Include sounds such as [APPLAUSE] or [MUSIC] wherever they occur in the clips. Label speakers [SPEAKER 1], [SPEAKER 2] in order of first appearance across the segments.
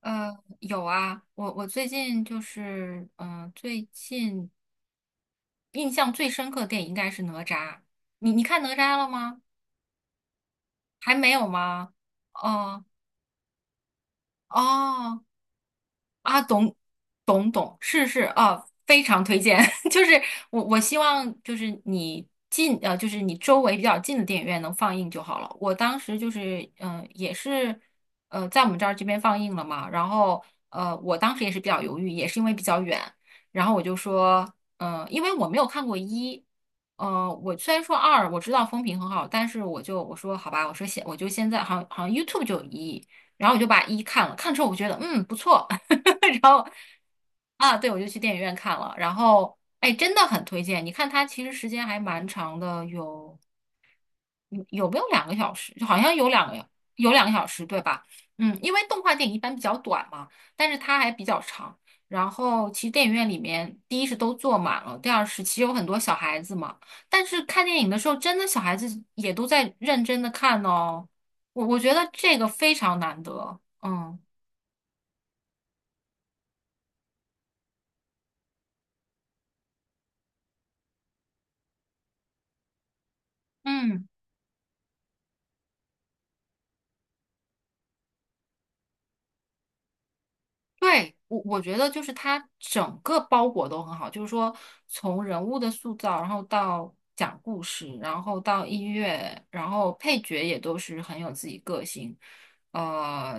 [SPEAKER 1] 有啊，我最近就是，嗯，最近印象最深刻的电影应该是哪吒。你看哪吒了吗？还没有吗？哦哦啊，懂懂懂，是是啊，非常推荐。[LAUGHS] 就是我希望就是就是你周围比较近的电影院能放映就好了。我当时就是也是在我们这边放映了嘛，然后我当时也是比较犹豫，也是因为比较远，然后我就说，因为我没有看过一。我虽然说二我知道风评很好，但是我说好吧，我说现我就现在好像 YouTube 就有一，然后我就把一看了，看之后我觉得不错，[LAUGHS] 然后啊，对，我就去电影院看了。然后，哎，真的很推荐。你看它其实时间还蛮长的，有没有两个小时？就好像有两个小时，对吧？嗯，因为动画电影一般比较短嘛，但是它还比较长。然后，其实电影院里面，第一是都坐满了，第二是其实有很多小孩子嘛。但是看电影的时候，真的小孩子也都在认真的看哦。我觉得这个非常难得。嗯嗯。对，我觉得就是它整个包裹都很好，就是说从人物的塑造，然后到讲故事，然后到音乐，然后配角也都是很有自己个性，呃，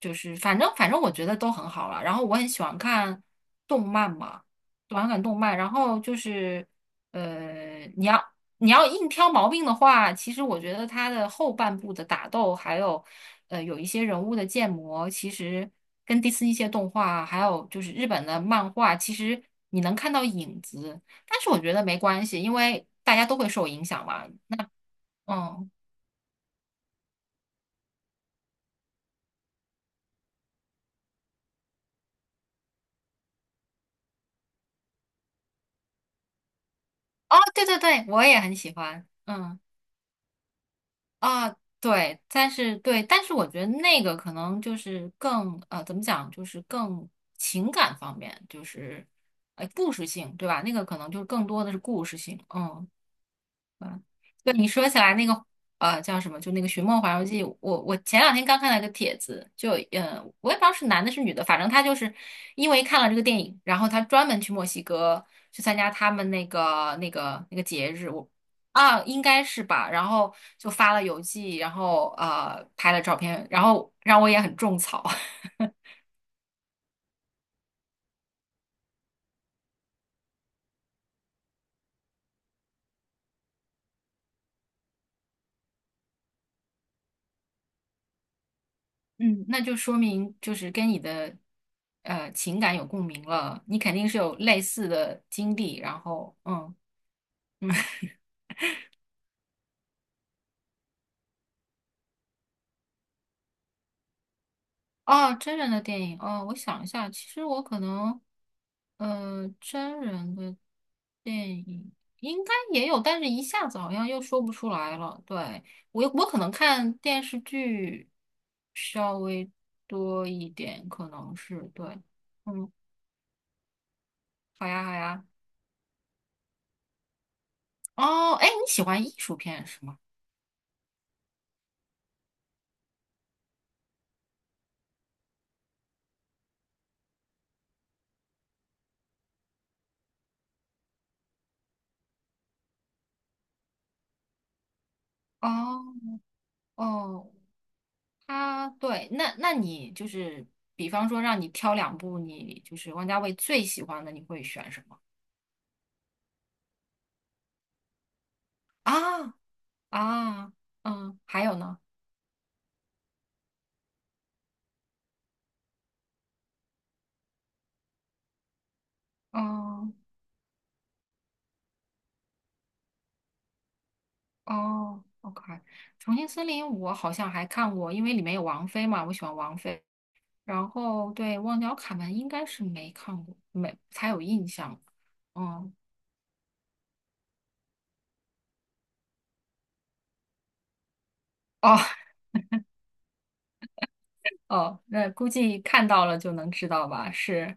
[SPEAKER 1] 就是反正我觉得都很好了。然后我很喜欢看动漫嘛，短感动漫。然后就是呃，你要你要硬挑毛病的话，其实我觉得它的后半部的打斗，还有有一些人物的建模，其实跟迪士尼一些动画，还有就是日本的漫画，其实你能看到影子。但是我觉得没关系，因为大家都会受影响嘛。嗯，哦，对对对，我也很喜欢。嗯。啊，对，但是我觉得那个可能就是怎么讲，就是更情感方面，就是故事性，对吧？那个可能就更多的是故事性，嗯。对你说起来那个叫什么，就那个《寻梦环游记》，我前两天刚看到一个帖子，我也不知道是男的是女的，反正他就是因为看了这个电影，然后他专门去墨西哥去参加他们那个节日，啊应该是吧，然后就发了邮寄，然后拍了照片，然后让我也很种草，[LAUGHS] 嗯，那就说明就是跟你的情感有共鸣了，你肯定是有类似的经历，然后嗯。哦，真人的电影哦，我想一下，其实我可能，真人的电影应该也有，但是一下子好像又说不出来了。对，我可能看电视剧稍微多一点，可能是对，嗯，好呀好呀。哦，哎，你喜欢艺术片是吗？哦哦，他对，那你就是，比方说让你挑两部你就是王家卫最喜欢的，你会选什么？啊啊，嗯，还有呢，哦哦，OK，《重庆森林》我好像还看过，因为里面有王菲嘛，我喜欢王菲。然后对《忘掉卡门》应该是没看过，没才有印象。嗯，哦 [LAUGHS] 哦，那估计看到了就能知道吧？是，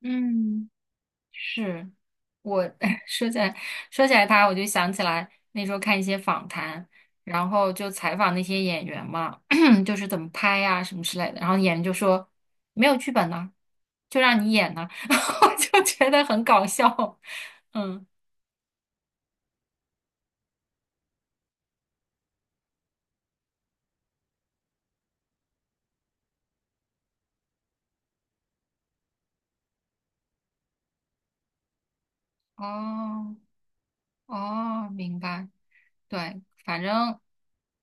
[SPEAKER 1] 嗯。是我 [LAUGHS] 说起来说起来他，我就想起来那时候看一些访谈，然后就采访那些演员嘛，[CLEARS THROAT] 就是怎么拍呀、什么之类的，然后演员就说没有剧本呢、就让你演呢、[LAUGHS] 然后我就觉得很搞笑。嗯，哦哦，明白。对，反正，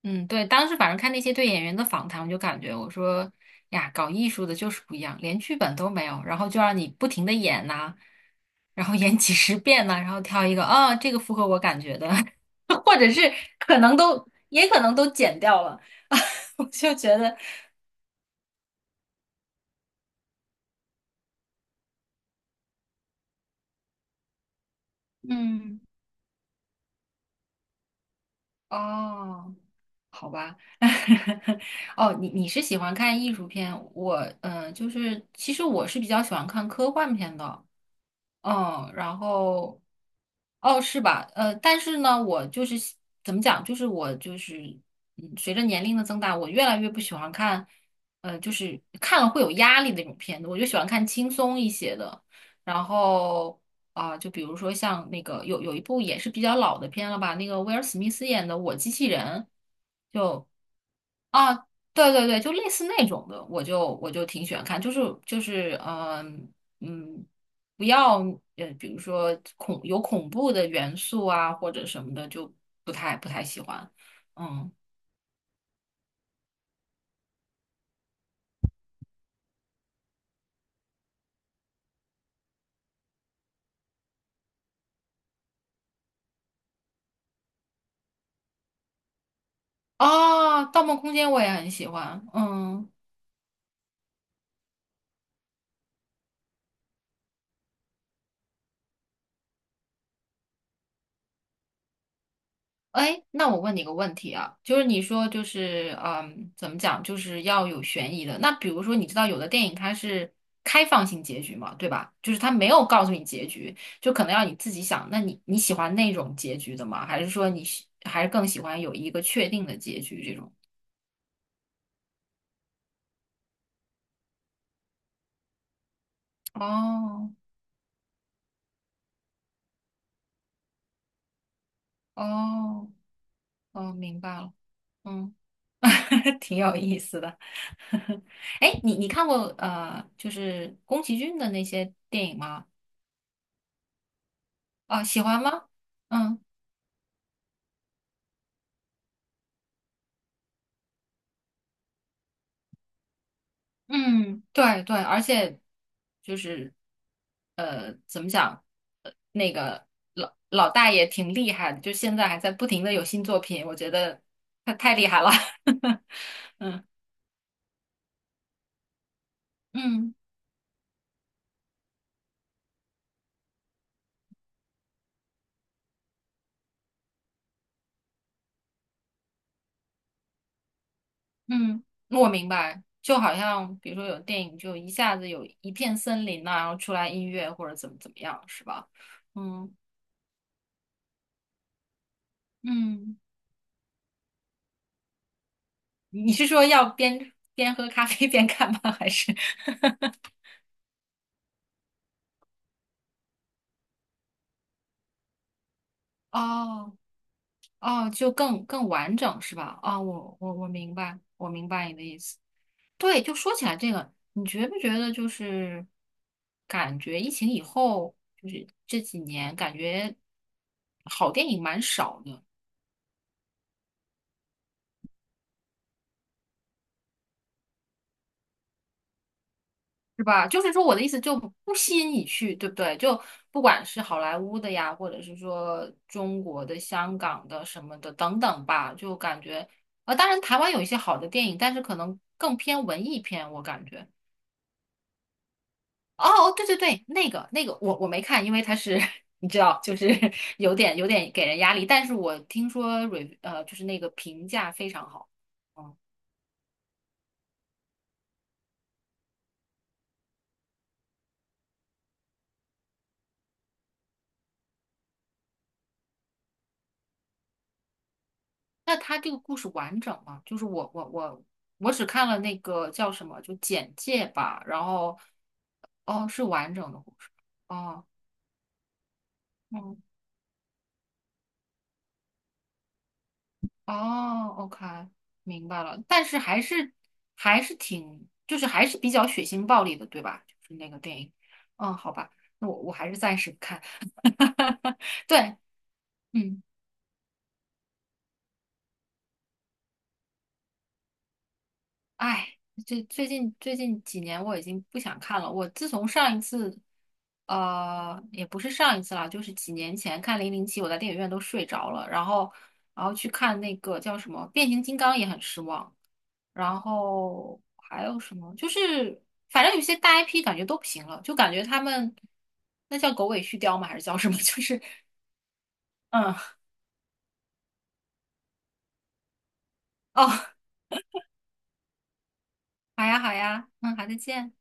[SPEAKER 1] 嗯，对，当时反正看那些对演员的访谈，我就感觉我说哎呀，搞艺术的就是不一样，连剧本都没有，然后就让你不停的演呐、然后演几十遍呐、然后挑一个啊，这个符合我感觉的，[LAUGHS] 或者是可能都也可能都剪掉了，[LAUGHS] 我就觉得，嗯，哦，好吧，[LAUGHS] 哦，你是喜欢看艺术片，就是其实我是比较喜欢看科幻片的。嗯，然后，哦，是吧？但是呢，我就是喜怎么讲，就是我就是，随着年龄的增大，我越来越不喜欢看，就是看了会有压力的那种片子，我就喜欢看轻松一些的。然后啊、就比如说像那个有一部也是比较老的片了吧，那个威尔史密斯演的《我机器人》，就啊，对对对，就类似那种的，我就挺喜欢看，就是嗯。嗯，不要比如说有恐怖的元素啊，或者什么的，就不太喜欢。嗯，哦，《盗梦空间》我也很喜欢。嗯，哎，那我问你个问题啊，就是你说怎么讲，就是要有悬疑的。那比如说，你知道有的电影它是开放性结局嘛，对吧？就是它没有告诉你结局，就可能要你自己想。那你喜欢那种结局的吗？还是说还是更喜欢有一个确定的结局这种？哦。哦，哦，明白了，嗯，[LAUGHS] 挺有意思的。[LAUGHS] 哎你看过就是宫崎骏的那些电影吗？啊，喜欢吗？嗯嗯，对对，而且就是怎么讲，那个老大爷挺厉害的，就现在还在不停的有新作品，我觉得他太厉害了。[LAUGHS] 嗯嗯。嗯，我明白，就好像比如说有电影，就一下子有一片森林呐、然后出来音乐或者怎么怎么样，是吧？嗯嗯，你是说要边喝咖啡边看吗？还是 [LAUGHS] 哦哦，就更完整是吧？啊、我明白，我明白你的意思。对，就说起来这个，你觉不觉得就是感觉疫情以后，就是这几年感觉好电影蛮少的。是吧？就是说，我的意思就不吸引你去，对不对？就不管是好莱坞的呀，或者是说中国的、香港的什么的等等吧，就感觉，当然台湾有一些好的电影，但是可能更偏文艺片，我感觉。哦，哦对对对，那个我没看，因为它是 [LAUGHS] 你知道，就是 [LAUGHS] 有点给人压力，但是我听说 就是那个评价非常好。嗯那他这个故事完整吗？就是我只看了那个叫什么，就简介吧，然后哦是完整的故事，哦嗯哦，OK，明白了，但是还是挺就是还是比较血腥暴力的，对吧？就是那个电影，嗯，好吧，那我还是暂时不看，[LAUGHS] 对，嗯。哎，这最近几年我已经不想看了。我自从上一次，也不是上一次啦，就是几年前看《007》，我在电影院都睡着了。然后，去看那个叫什么《变形金刚》也很失望。然后还有什么？反正有些大 IP 感觉都不行了，就感觉他们那叫狗尾续貂吗？还是叫什么？[LAUGHS] 就是嗯，哦，好呀好呀，嗯，好，再见。